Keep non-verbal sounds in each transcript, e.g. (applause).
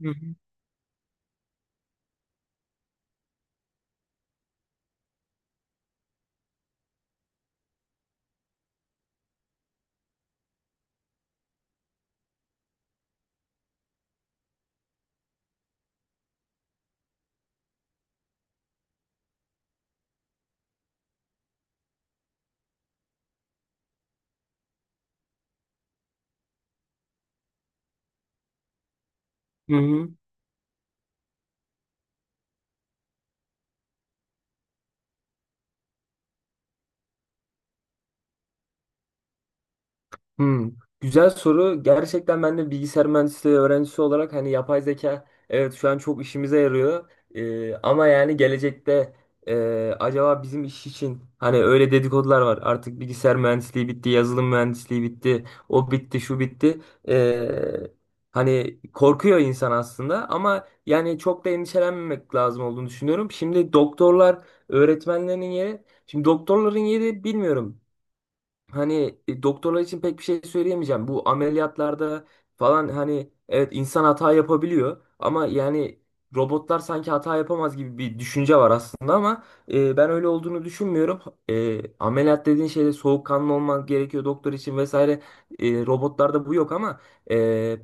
Hı hı. Hı hı. Hı. Güzel soru. Gerçekten ben de bilgisayar mühendisliği öğrencisi olarak hani yapay zeka evet şu an çok işimize yarıyor. Ama yani gelecekte acaba bizim iş için hani öyle dedikodular var. Artık bilgisayar mühendisliği bitti, yazılım mühendisliği bitti, o bitti, şu bitti. Ee, hani korkuyor insan aslında ama yani çok da endişelenmemek lazım olduğunu düşünüyorum. Şimdi doktorların yeri bilmiyorum. Hani doktorlar için pek bir şey söyleyemeyeceğim. Bu ameliyatlarda falan hani evet insan hata yapabiliyor ama yani robotlar sanki hata yapamaz gibi bir düşünce var aslında ama ben öyle olduğunu düşünmüyorum. Ameliyat dediğin şeyde soğukkanlı olman gerekiyor doktor için vesaire. Robotlarda bu yok ama e,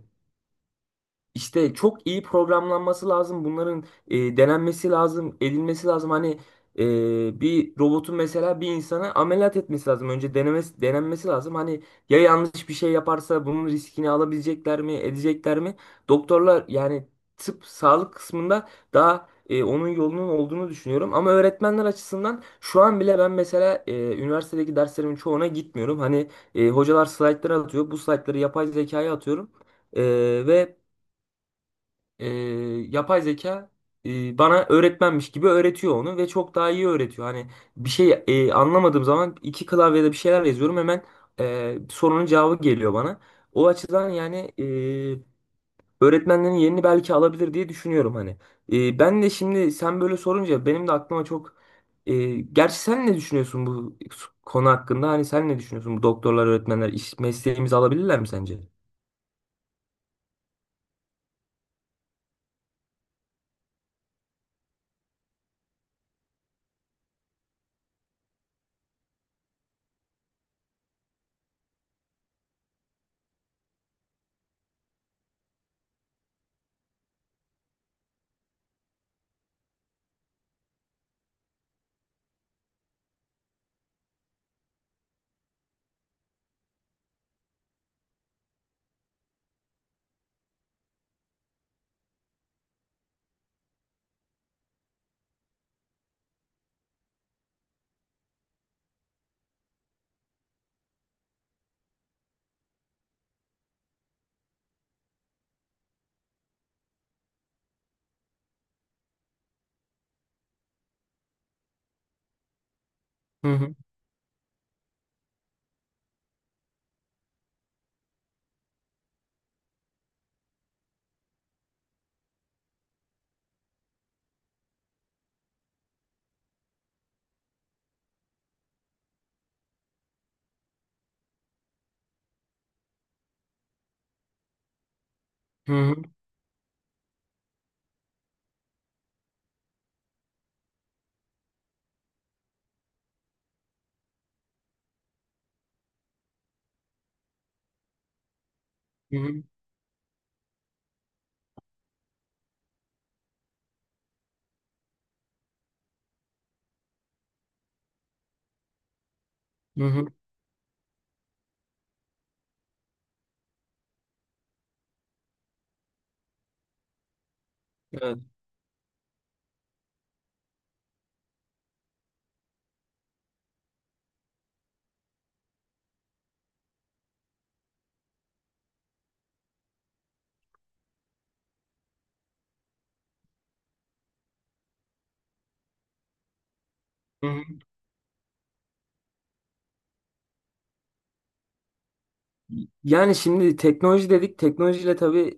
işte çok iyi programlanması lazım. Bunların denenmesi lazım, edilmesi lazım. Hani bir robotun mesela bir insana ameliyat etmesi lazım. Önce denenmesi lazım. Hani ya yanlış bir şey yaparsa bunun riskini alabilecekler mi, edecekler mi? Doktorlar yani tıp, sağlık kısmında daha onun yolunun olduğunu düşünüyorum. Ama öğretmenler açısından şu an bile ben mesela üniversitedeki derslerimin çoğuna gitmiyorum. Hani hocalar slaytları atıyor. Bu slaytları yapay zekaya atıyorum. E, ve e, yapay zeka bana öğretmenmiş gibi öğretiyor onu ve çok daha iyi öğretiyor. Hani bir şey anlamadığım zaman iki klavyede bir şeyler yazıyorum hemen, sorunun cevabı geliyor bana. O açıdan yani öğretmenlerin yerini belki alabilir diye düşünüyorum hani. Ben de şimdi sen böyle sorunca benim de aklıma çok, e, gerçi sen ne düşünüyorsun bu konu hakkında? Hani sen ne düşünüyorsun? Bu doktorlar, öğretmenler iş mesleğimizi alabilirler mi sence? Hı hı hı hı hı hı. Hı hı. Evet. Yani şimdi teknoloji dedik. Teknolojiyle tabii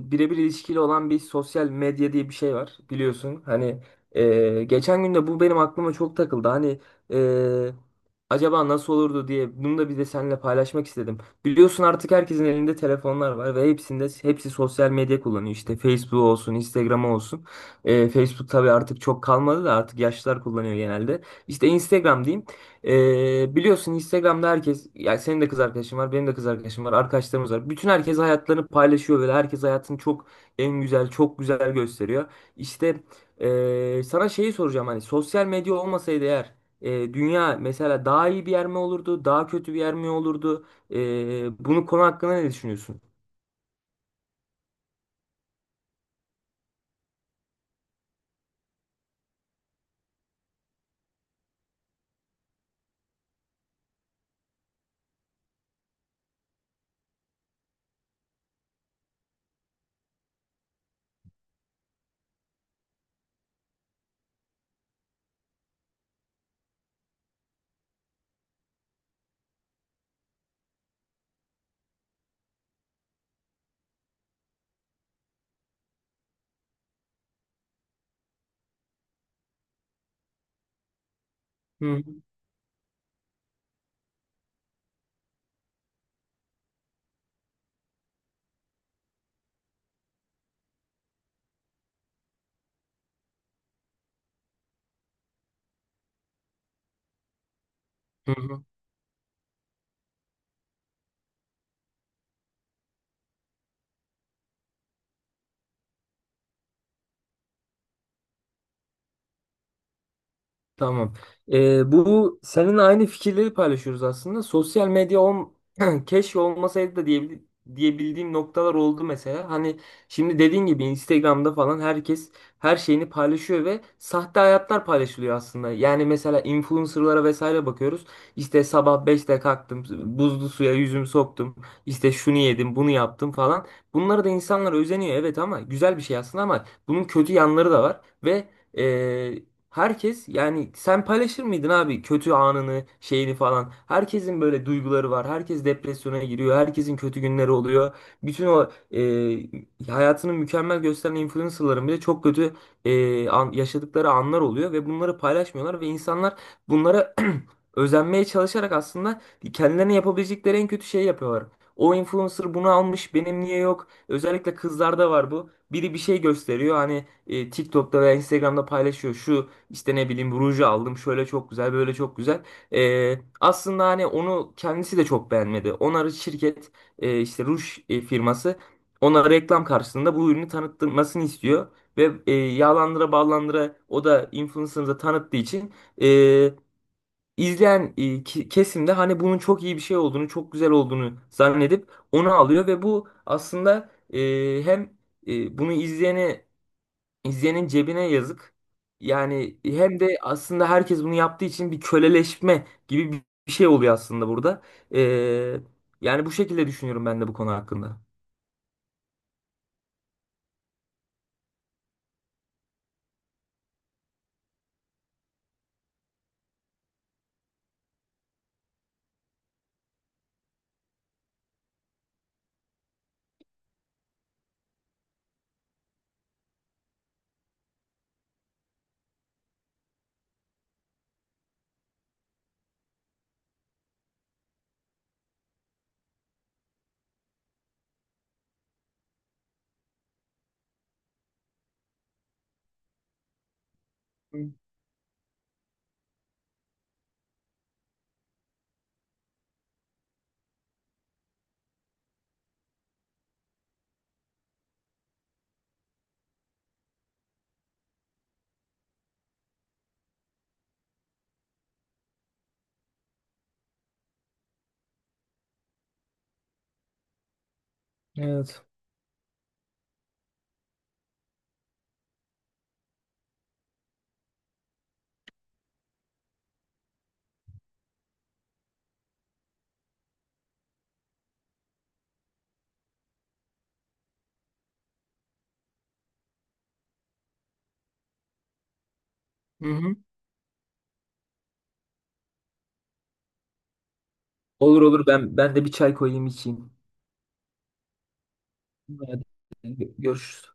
birebir ilişkili olan bir sosyal medya diye bir şey var biliyorsun. Hani geçen gün de bu benim aklıma çok takıldı. Hani e, acaba nasıl olurdu diye bunu da bir de seninle paylaşmak istedim. Biliyorsun artık herkesin elinde telefonlar var ve hepsinde hepsi sosyal medya kullanıyor. İşte Facebook olsun, Instagram olsun. Facebook tabii artık çok kalmadı da artık yaşlılar kullanıyor genelde. İşte Instagram diyeyim. Biliyorsun Instagram'da herkes, yani senin de kız arkadaşın var, benim de kız arkadaşım var, arkadaşlarımız var. Bütün herkes hayatlarını paylaşıyor ve herkes hayatını çok en güzel, çok güzel gösteriyor. İşte sana şeyi soracağım, hani sosyal medya olmasaydı eğer, dünya mesela daha iyi bir yer mi olurdu, daha kötü bir yer mi olurdu? Bunu konu hakkında ne düşünüyorsun? Hı. Hı. Tamam. Bu senin aynı fikirleri paylaşıyoruz aslında. Sosyal medya (clears throat) keşke olmasaydı da diyebildiğim noktalar oldu mesela. Hani şimdi dediğin gibi Instagram'da falan herkes her şeyini paylaşıyor ve sahte hayatlar paylaşılıyor aslında. Yani mesela influencerlara vesaire bakıyoruz. İşte sabah 5'te kalktım, buzlu suya yüzümü soktum. İşte şunu yedim, bunu yaptım falan. Bunlara da insanlar özeniyor, evet, ama güzel bir şey aslında, ama bunun kötü yanları da var ve herkes, yani, sen paylaşır mıydın abi kötü anını şeyini falan? Herkesin böyle duyguları var. Herkes depresyona giriyor. Herkesin kötü günleri oluyor. Bütün o hayatını mükemmel gösteren influencerların bile çok kötü yaşadıkları anlar oluyor. Ve bunları paylaşmıyorlar. Ve insanlar bunlara (clears throat) özenmeye çalışarak aslında kendilerine yapabilecekleri en kötü şeyi yapıyorlar. O influencer bunu almış, benim niye yok? Özellikle kızlarda var bu. Biri bir şey gösteriyor, hani TikTok'ta veya Instagram'da paylaşıyor. Şu işte ne bileyim, ruju aldım, şöyle çok güzel, böyle çok güzel. Aslında hani onu kendisi de çok beğenmedi. İşte ruj firması ona reklam karşısında bu ürünü tanıtmasını istiyor. Ve yağlandıra ballandıra o da influencer'ı tanıttığı için e, izleyen kesim de hani bunun çok iyi bir şey olduğunu, çok güzel olduğunu zannedip onu alıyor. Ve bu aslında, hem, e, bunu izleyene İzleyenin cebine yazık. Yani hem de aslında herkes bunu yaptığı için bir köleleşme gibi bir şey oluyor aslında burada. Ee, yani bu şekilde düşünüyorum ben de bu konu hakkında. Hı. Evet. Hı hı. Olur, olur, ben de bir çay koyayım içeyim. Hadi, görüşürüz.